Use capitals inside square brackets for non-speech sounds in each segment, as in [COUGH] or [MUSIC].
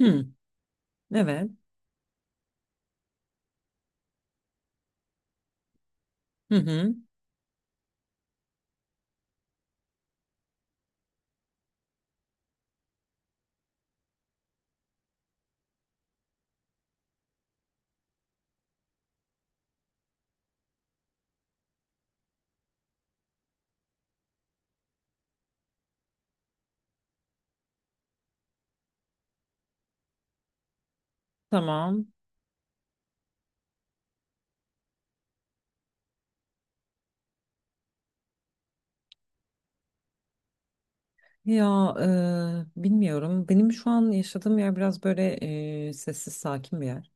Hı, evet. Hı hı. Tamam. Ya bilmiyorum. Benim şu an yaşadığım yer biraz böyle sessiz, sakin bir yer.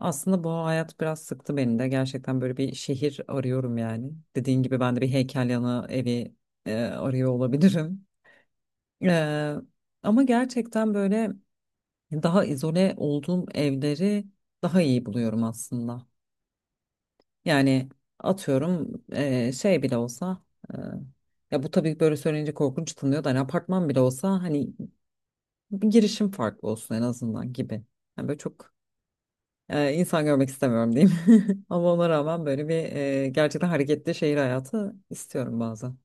Aslında bu hayat biraz sıktı beni de. Gerçekten böyle bir şehir arıyorum yani. Dediğin gibi ben de bir heykel yanı evi arıyor olabilirim. E, ama gerçekten böyle daha izole olduğum evleri daha iyi buluyorum aslında. Yani atıyorum şey bile olsa eee, ya bu tabii böyle söyleyince korkunç tınlıyor da hani apartman bile olsa hani bir girişim farklı olsun en azından gibi. Yani böyle çok insan görmek istemiyorum diyeyim. [LAUGHS] Ama ona rağmen böyle bir gerçekten hareketli şehir hayatı istiyorum bazen.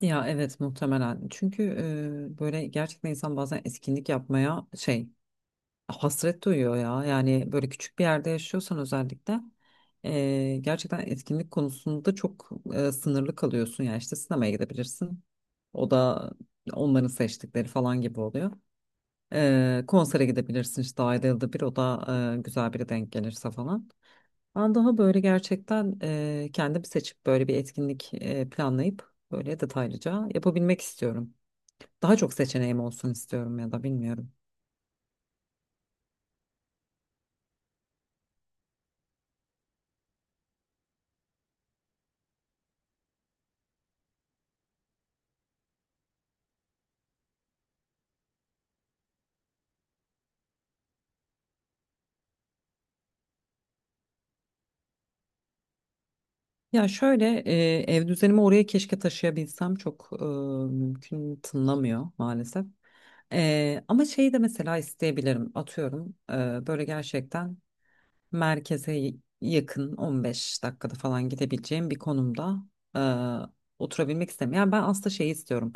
Ya evet muhtemelen. Çünkü böyle gerçekten insan bazen etkinlik yapmaya şey hasret duyuyor ya. Yani böyle küçük bir yerde yaşıyorsan özellikle gerçekten etkinlik konusunda çok sınırlı kalıyorsun. Yani işte sinemaya gidebilirsin. O da onların seçtikleri falan gibi oluyor. Konsere gidebilirsin işte ayda yılda bir o da güzel biri denk gelirse falan. Ben daha böyle gerçekten kendim seçip böyle bir etkinlik planlayıp böyle detaylıca yapabilmek istiyorum. Daha çok seçeneğim olsun istiyorum ya da bilmiyorum. Ya şöyle ev düzenimi oraya keşke taşıyabilsem çok mümkün tınlamıyor maalesef. Ama şeyi de mesela isteyebilirim atıyorum böyle gerçekten. Merkeze yakın 15 dakikada falan gidebileceğim bir konumda e, oturabilmek istemiyorum. Yani ben aslında şey istiyorum.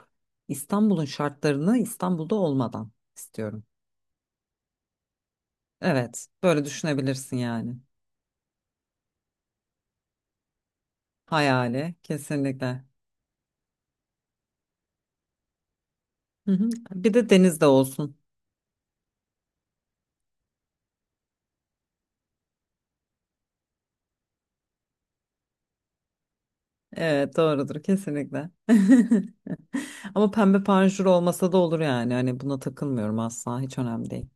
İstanbul'un şartlarını İstanbul'da olmadan istiyorum. Evet, böyle düşünebilirsin yani. Hayali kesinlikle. Hı hı. Bir de deniz de olsun. Evet, doğrudur kesinlikle. [LAUGHS] Ama pembe panjur olmasa da olur yani. Hani buna takılmıyorum asla, hiç önemli değil.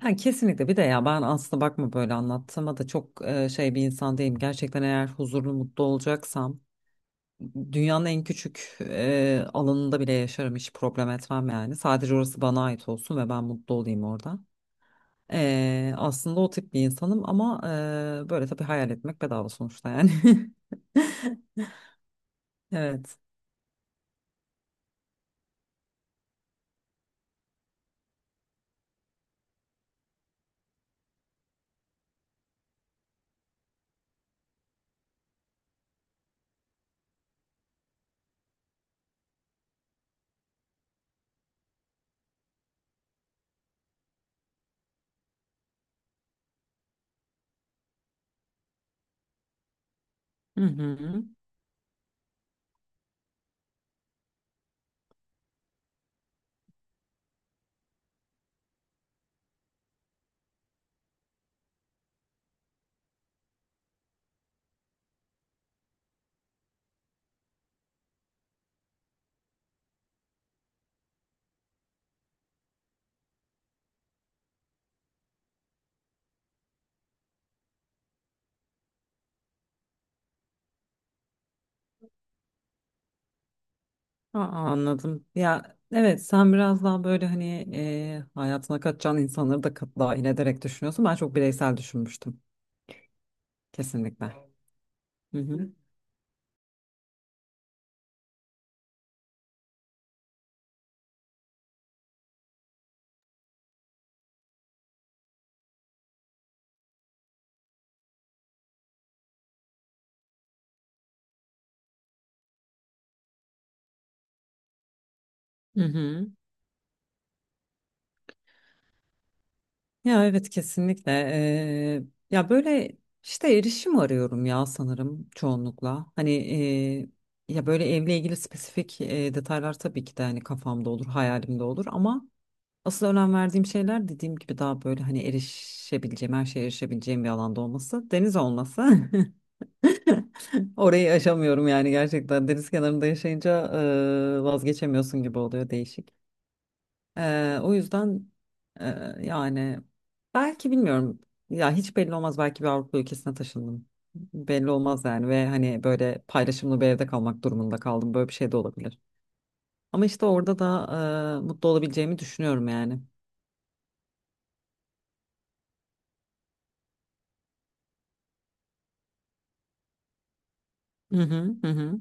Ha, kesinlikle bir de ya ben aslında bakma böyle anlattığıma da çok şey bir insan değilim. Gerçekten eğer huzurlu mutlu olacaksam dünyanın en küçük alanında bile yaşarım hiç problem etmem yani. Sadece orası bana ait olsun ve ben mutlu olayım orada. Aslında o tip bir insanım ama böyle tabii hayal etmek bedava sonuçta yani. [LAUGHS] Evet. Hı hı. Aa, anladım. Ya evet sen biraz daha böyle hani hayatına katacağın insanları da dahil ederek düşünüyorsun. Ben çok bireysel düşünmüştüm. Kesinlikle. Hı hı. Hı hı. Ya evet kesinlikle. Ya böyle işte erişim arıyorum ya sanırım çoğunlukla. Hani ya böyle evle ilgili spesifik detaylar tabii ki de hani kafamda olur, hayalimde olur ama asıl önem verdiğim şeyler dediğim gibi daha böyle hani erişebileceğim, her şeye erişebileceğim bir alanda olması, deniz olması. [LAUGHS] [LAUGHS] Orayı aşamıyorum yani gerçekten deniz kenarında yaşayınca vazgeçemiyorsun gibi oluyor değişik. O yüzden e, yani belki bilmiyorum ya hiç belli olmaz belki bir Avrupa ülkesine taşındım. Belli olmaz yani ve hani böyle paylaşımlı bir evde kalmak durumunda kaldım böyle bir şey de olabilir. Ama işte orada da mutlu olabileceğimi düşünüyorum yani. Hı hı hı. Hı.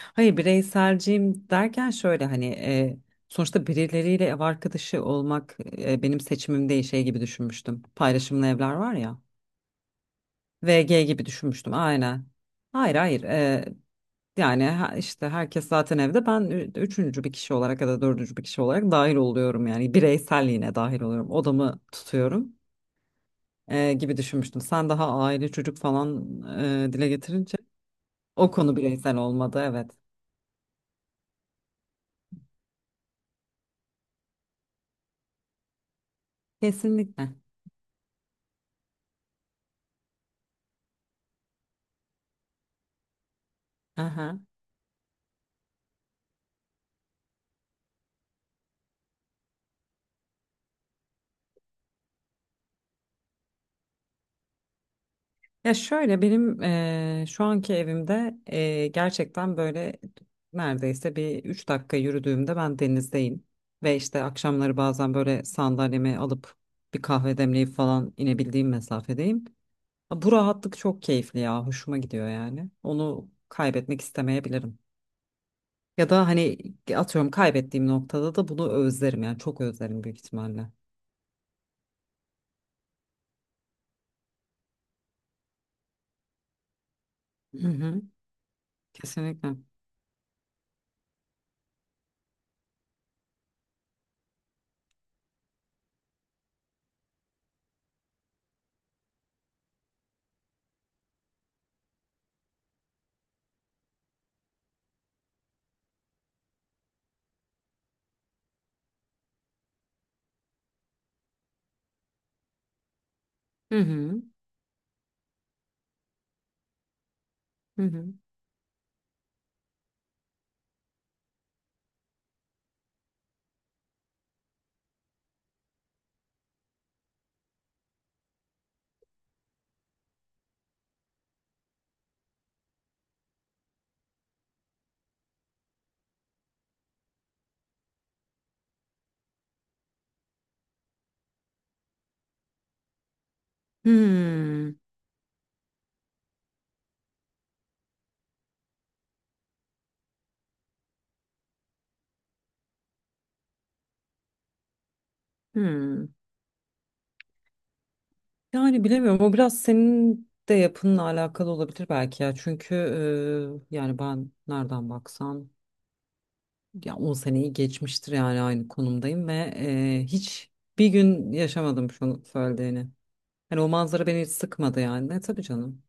Hayır bireyselciyim derken şöyle hani sonuçta birileriyle ev arkadaşı olmak benim seçimim değil şey gibi düşünmüştüm. Paylaşımlı evler var ya. VG gibi düşünmüştüm aynen. Hayır hayır yani işte herkes zaten evde ben üçüncü bir kişi olarak ya da dördüncü bir kişi olarak dahil oluyorum yani bireyselliğine dahil oluyorum odamı tutuyorum gibi düşünmüştüm. Sen daha aile çocuk falan dile getirince o konu bireysel olmadı evet. Kesinlikle. Aha. Ya şöyle benim şu anki evimde gerçekten böyle neredeyse bir 3 dakika yürüdüğümde ben denizdeyim. Ve işte akşamları bazen böyle sandalyemi alıp bir kahve demleyip falan inebildiğim mesafedeyim. Ha, bu rahatlık çok keyifli ya hoşuma gidiyor yani. Onu kaybetmek istemeyebilirim. Ya da hani atıyorum kaybettiğim noktada da bunu özlerim yani çok özlerim büyük ihtimalle. Hı hı, kesinlikle. Hı hı, hı hı. Hmm, hmm. Yani bilemiyorum o biraz senin de yapınla alakalı olabilir belki ya çünkü yani ben nereden baksam ya 10 seneyi geçmiştir yani aynı konumdayım ve hiç bir gün yaşamadım şunu söylediğini. Hani o manzara beni hiç sıkmadı yani ne tabii canım.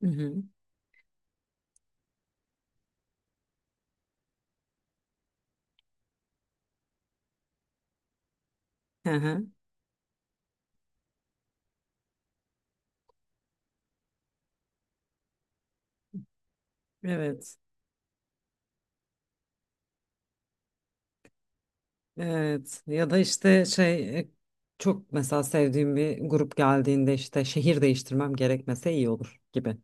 Hı hı. Hı hı. Evet. Evet ya da işte şey çok mesela sevdiğim bir grup geldiğinde işte şehir değiştirmem gerekmese iyi olur gibi.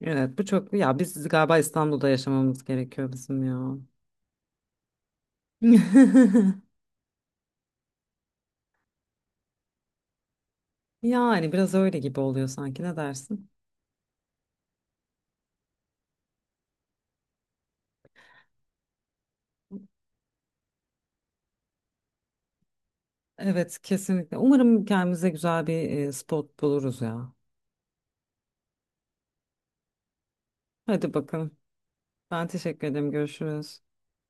Evet bu çok ya biz galiba İstanbul'da yaşamamız gerekiyor bizim ya. [LAUGHS] Yani biraz öyle gibi oluyor sanki ne dersin? Evet kesinlikle. Umarım kendimize güzel bir spot buluruz ya. Hadi bakalım. Ben teşekkür ederim. Görüşürüz.